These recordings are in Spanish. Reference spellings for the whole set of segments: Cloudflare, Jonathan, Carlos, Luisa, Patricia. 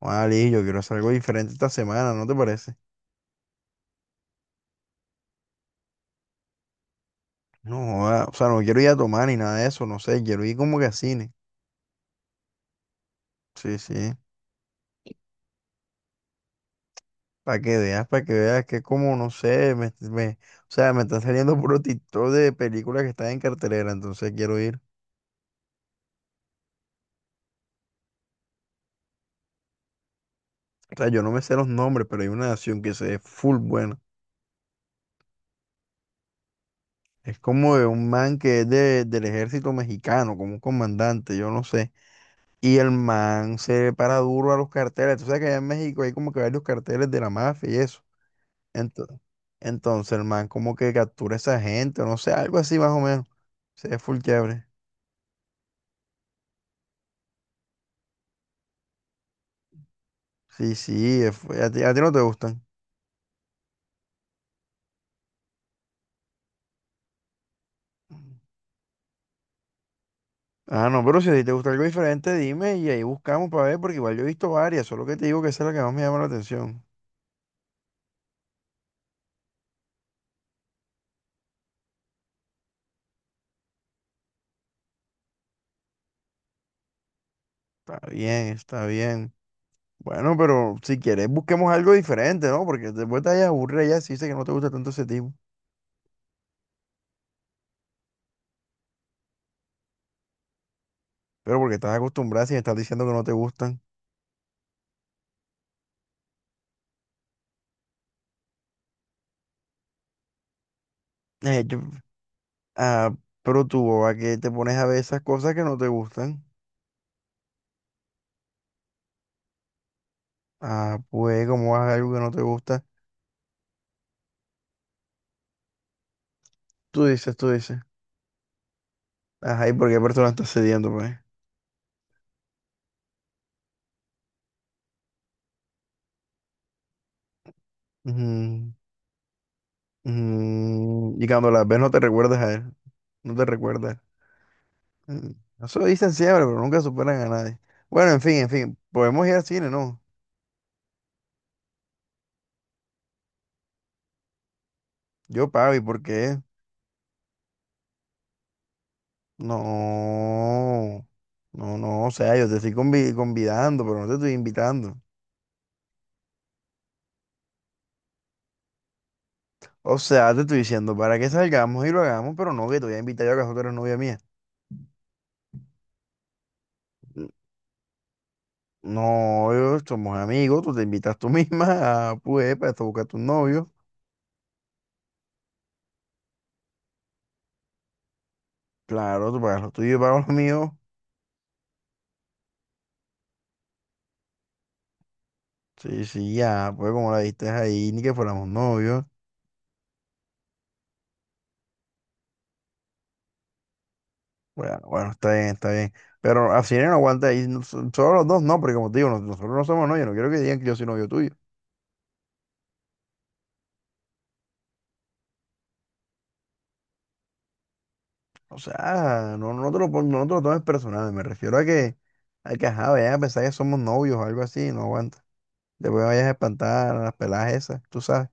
Ali, yo quiero hacer algo diferente esta semana, ¿no te parece? No, joda, o sea, no quiero ir a tomar ni nada de eso, no sé, quiero ir como que a cine. Sí, sí. Para que veas que como, no sé, o sea, me están saliendo puro TikTok de películas que están en cartelera, entonces quiero ir. O sea, yo no me sé los nombres, pero hay una nación que se ve full buena. Es como de un man que es del ejército mexicano, como un comandante, yo no sé. Y el man se para duro a los carteles. Tú sabes que allá en México hay como que varios carteles de la mafia y eso. Entonces, entonces el man como que captura a esa gente, o no sé, algo así más o menos. Se ve full chévere. Sí, sí, es a ti no te gustan. Ah, no, pero si a ti te gusta algo diferente, dime y ahí buscamos para ver, porque igual yo he visto varias, solo que te digo que esa es la que más me llama la atención. Está bien, está bien. Bueno, pero si quieres busquemos algo diferente, ¿no? Porque después te vayas a aburrir ya si dices que no te gusta tanto ese tipo. Pero porque estás acostumbrada si me estás diciendo que no te gustan. Eh, yo- ah, pero tú, ¿a qué te pones a ver esas cosas que no te gustan? Ah, pues, como vas a algo que no te gusta? Tú dices, tú dices. Ajá, ¿y por qué persona estás cediendo, pues? Ujú, ujú. Y cuando las ves no te recuerdas a él, no te recuerdas. Mm. Eso dicen siempre, pero nunca superan a nadie. Bueno, en fin, podemos ir al cine, ¿no? Yo pago, ¿y por qué? No, no, no, o sea, yo te estoy convidando, pero no te estoy invitando. O sea, te estoy diciendo para que salgamos y lo hagamos, pero no que te voy a invitar yo, ¿acaso tú eres novia mía? No, yo- Somos amigos, tú te invitas tú misma a Puepa, esto buscar a tu novio. Claro, tú pagas lo tuyo, yo pago lo mío. Sí, sí, ya, pues como la diste ahí, ni que fuéramos novios. Bueno, bueno, está bien, está bien. Pero así no aguanta ahí, no solo los dos no, porque como te digo, nosotros no somos novios, no quiero que digan que yo soy novio tuyo. O sea, no te lo tomes personal, me refiero a que, ajá, vayan a pensar que somos novios o algo así, no aguanta. Después me vayas a espantar a las peladas esas, tú sabes.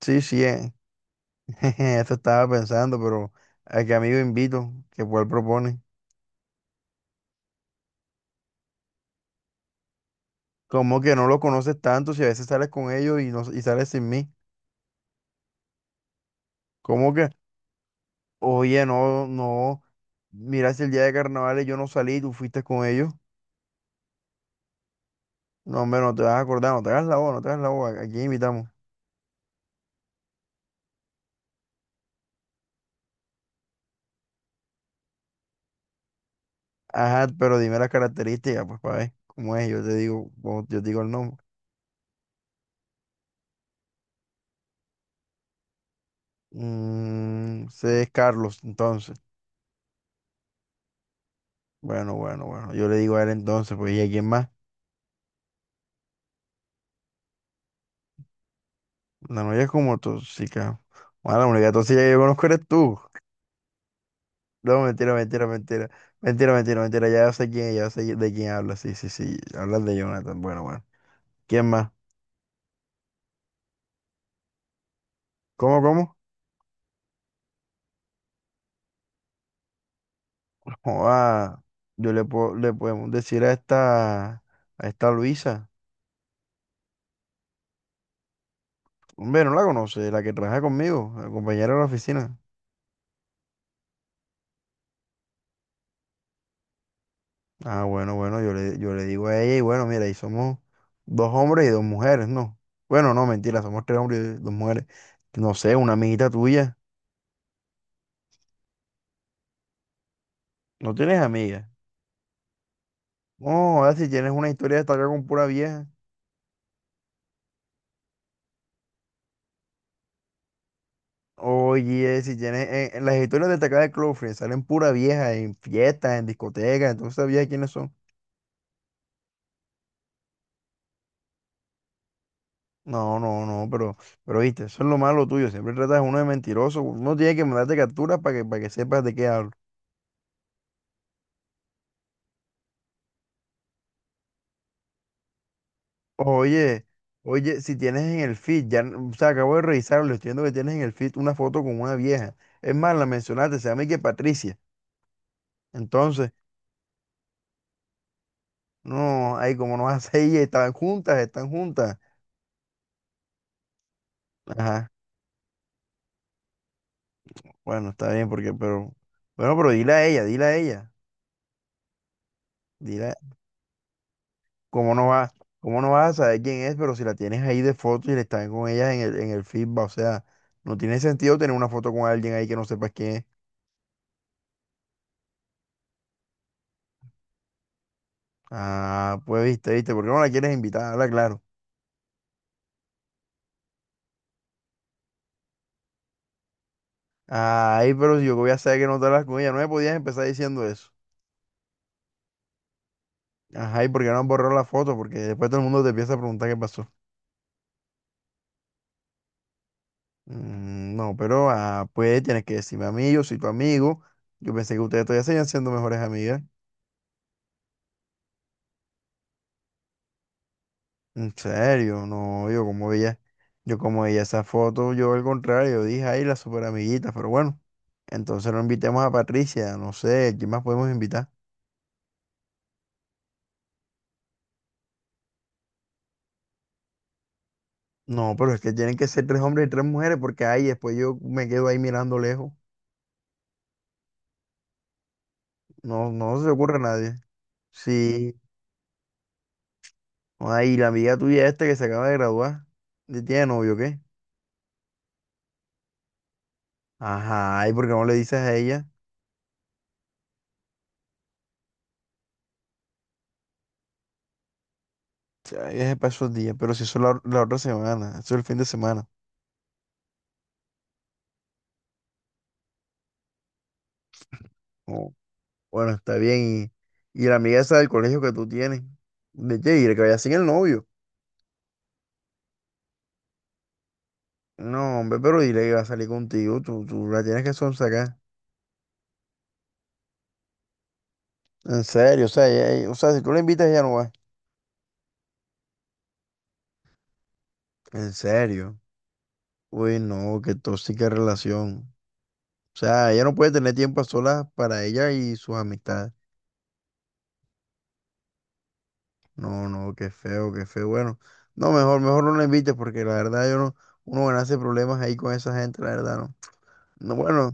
Sí, sí, Eso estaba pensando, pero ¿a qué amigo invito? ¿Qué cuál propone? ¿Cómo que no lo conoces tanto si a veces sales con ellos y, no, y sales sin mí? ¿Cómo que, oye, no, no, mira si el día de carnavales yo no salí tú fuiste con ellos. No, hombre, no te vas a acordar, no te hagas la boba, no te hagas la boba, aquí invitamos. Ajá, pero dime las características, pues para ver cómo es, yo te digo, yo te digo el nombre. Mm, ese es Carlos, entonces. Bueno, bueno, bueno, yo le digo a él entonces, pues, ¿y a quién más? La novia es como tóxica. Bueno, la única tóxica que yo conozco eres tú. No, mentira, mentira, mentira. Mentira, mentira, mentira. Ya sé quién, ya sé de quién hablas. Sí, sí, sí. Hablas de Jonathan. Bueno, bueno. ¿Quién más? ¿Cómo, cómo? Joda, le podemos decir a esta Luisa. Hombre, no la conoce, la que trabaja conmigo, la compañera de la oficina. Ah, bueno, bueno, yo le digo a ella y bueno, mira, ahí somos dos hombres y dos mujeres, ¿no? Bueno, no, mentira, somos tres hombres y dos mujeres. No sé, una amiguita tuya. No tienes amigas. No, ahora si tienes una historia destacada con pura vieja. Oye, si tienes. En las historias destacadas de Cloudflare salen pura vieja en fiestas, en discotecas, entonces sabías quiénes son. No, no, no, pero viste, eso es lo malo tuyo. Siempre tratas a uno de mentiroso. Uno tiene que mandarte capturas para que sepas de qué hablo. Oye, oye, si tienes en el feed, ya, o sea, acabo de revisarlo, estoy viendo que tienes en el feed una foto con una vieja. Es más, la mencionaste, se llama y que Patricia. Entonces. No, ay, como no vas a ir, están juntas, están juntas. Ajá, bueno, está bien, porque, pero, bueno, pero dile a ella, dile a ella, dile, a- ¿Cómo cómo no vas a saber quién es, pero si la tienes ahí de foto y le están con ella en el feedback, o sea, no tiene sentido tener una foto con alguien ahí que no sepas quién es. Ah, pues viste, viste, ¿por qué no la quieres invitar? Habla claro. Ay, pero si yo que voy a saber que no te hablas con ella, no me podías empezar diciendo eso. Ajá, ¿y por qué no han borrado la foto? Porque después todo el mundo te empieza a preguntar qué pasó. Mm, no, pero ah, pues tienes que decirme a mí, yo soy tu amigo. Yo pensé que ustedes todavía seguían siendo mejores amigas. En serio, no, yo como veía esa foto, yo al contrario, yo dije, ay, la super amiguita, pero bueno, entonces no invitemos a Patricia, no sé, ¿quién más podemos invitar? No, pero es que tienen que ser tres hombres y tres mujeres, porque ay, después yo me quedo ahí mirando lejos. No, no se le ocurre a nadie. Sí, ay, la amiga tuya esta que se acaba de graduar, ¿ya tiene novio o qué? Ajá, ¿y por qué no le dices a ella? Ya es para esos días, pero si eso es la otra semana, eso es el fin de semana. Oh, bueno, está bien. Y la amiga esa del colegio que tú tienes, de qué, dile que vaya sin el novio. No, hombre, pero dile que va a salir contigo, tú la tienes que sonsacar. En serio, o sea, o sea, si tú la invitas, ella no va. En serio. Uy, no, qué tóxica relación. O sea, ella no puede tener tiempo a solas para ella y sus amistades. No, no, qué feo, qué feo. Bueno, no, mejor, mejor no lo invites porque la verdad yo no, uno hace problemas ahí con esa gente, la verdad, no. No, bueno,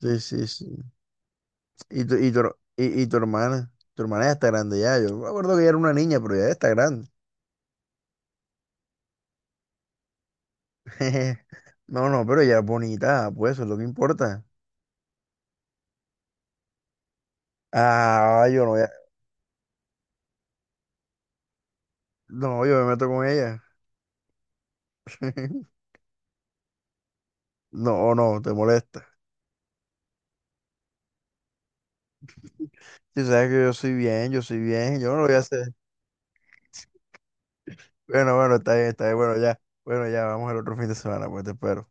sí, sí, sí. Y tu hermana ya está grande ya. Yo me acuerdo que ella era una niña, pero ya está grande. No, no, pero ella es bonita, pues eso es lo que importa. Ah, yo no, voy a- No, yo me meto con ella. No, no, te molesta. Si sabes que yo soy bien, yo soy bien, yo no lo voy a hacer. Bueno, bueno, está bien, está bien. Bueno, ya. Bueno, ya, vamos al otro fin de semana, pues te espero.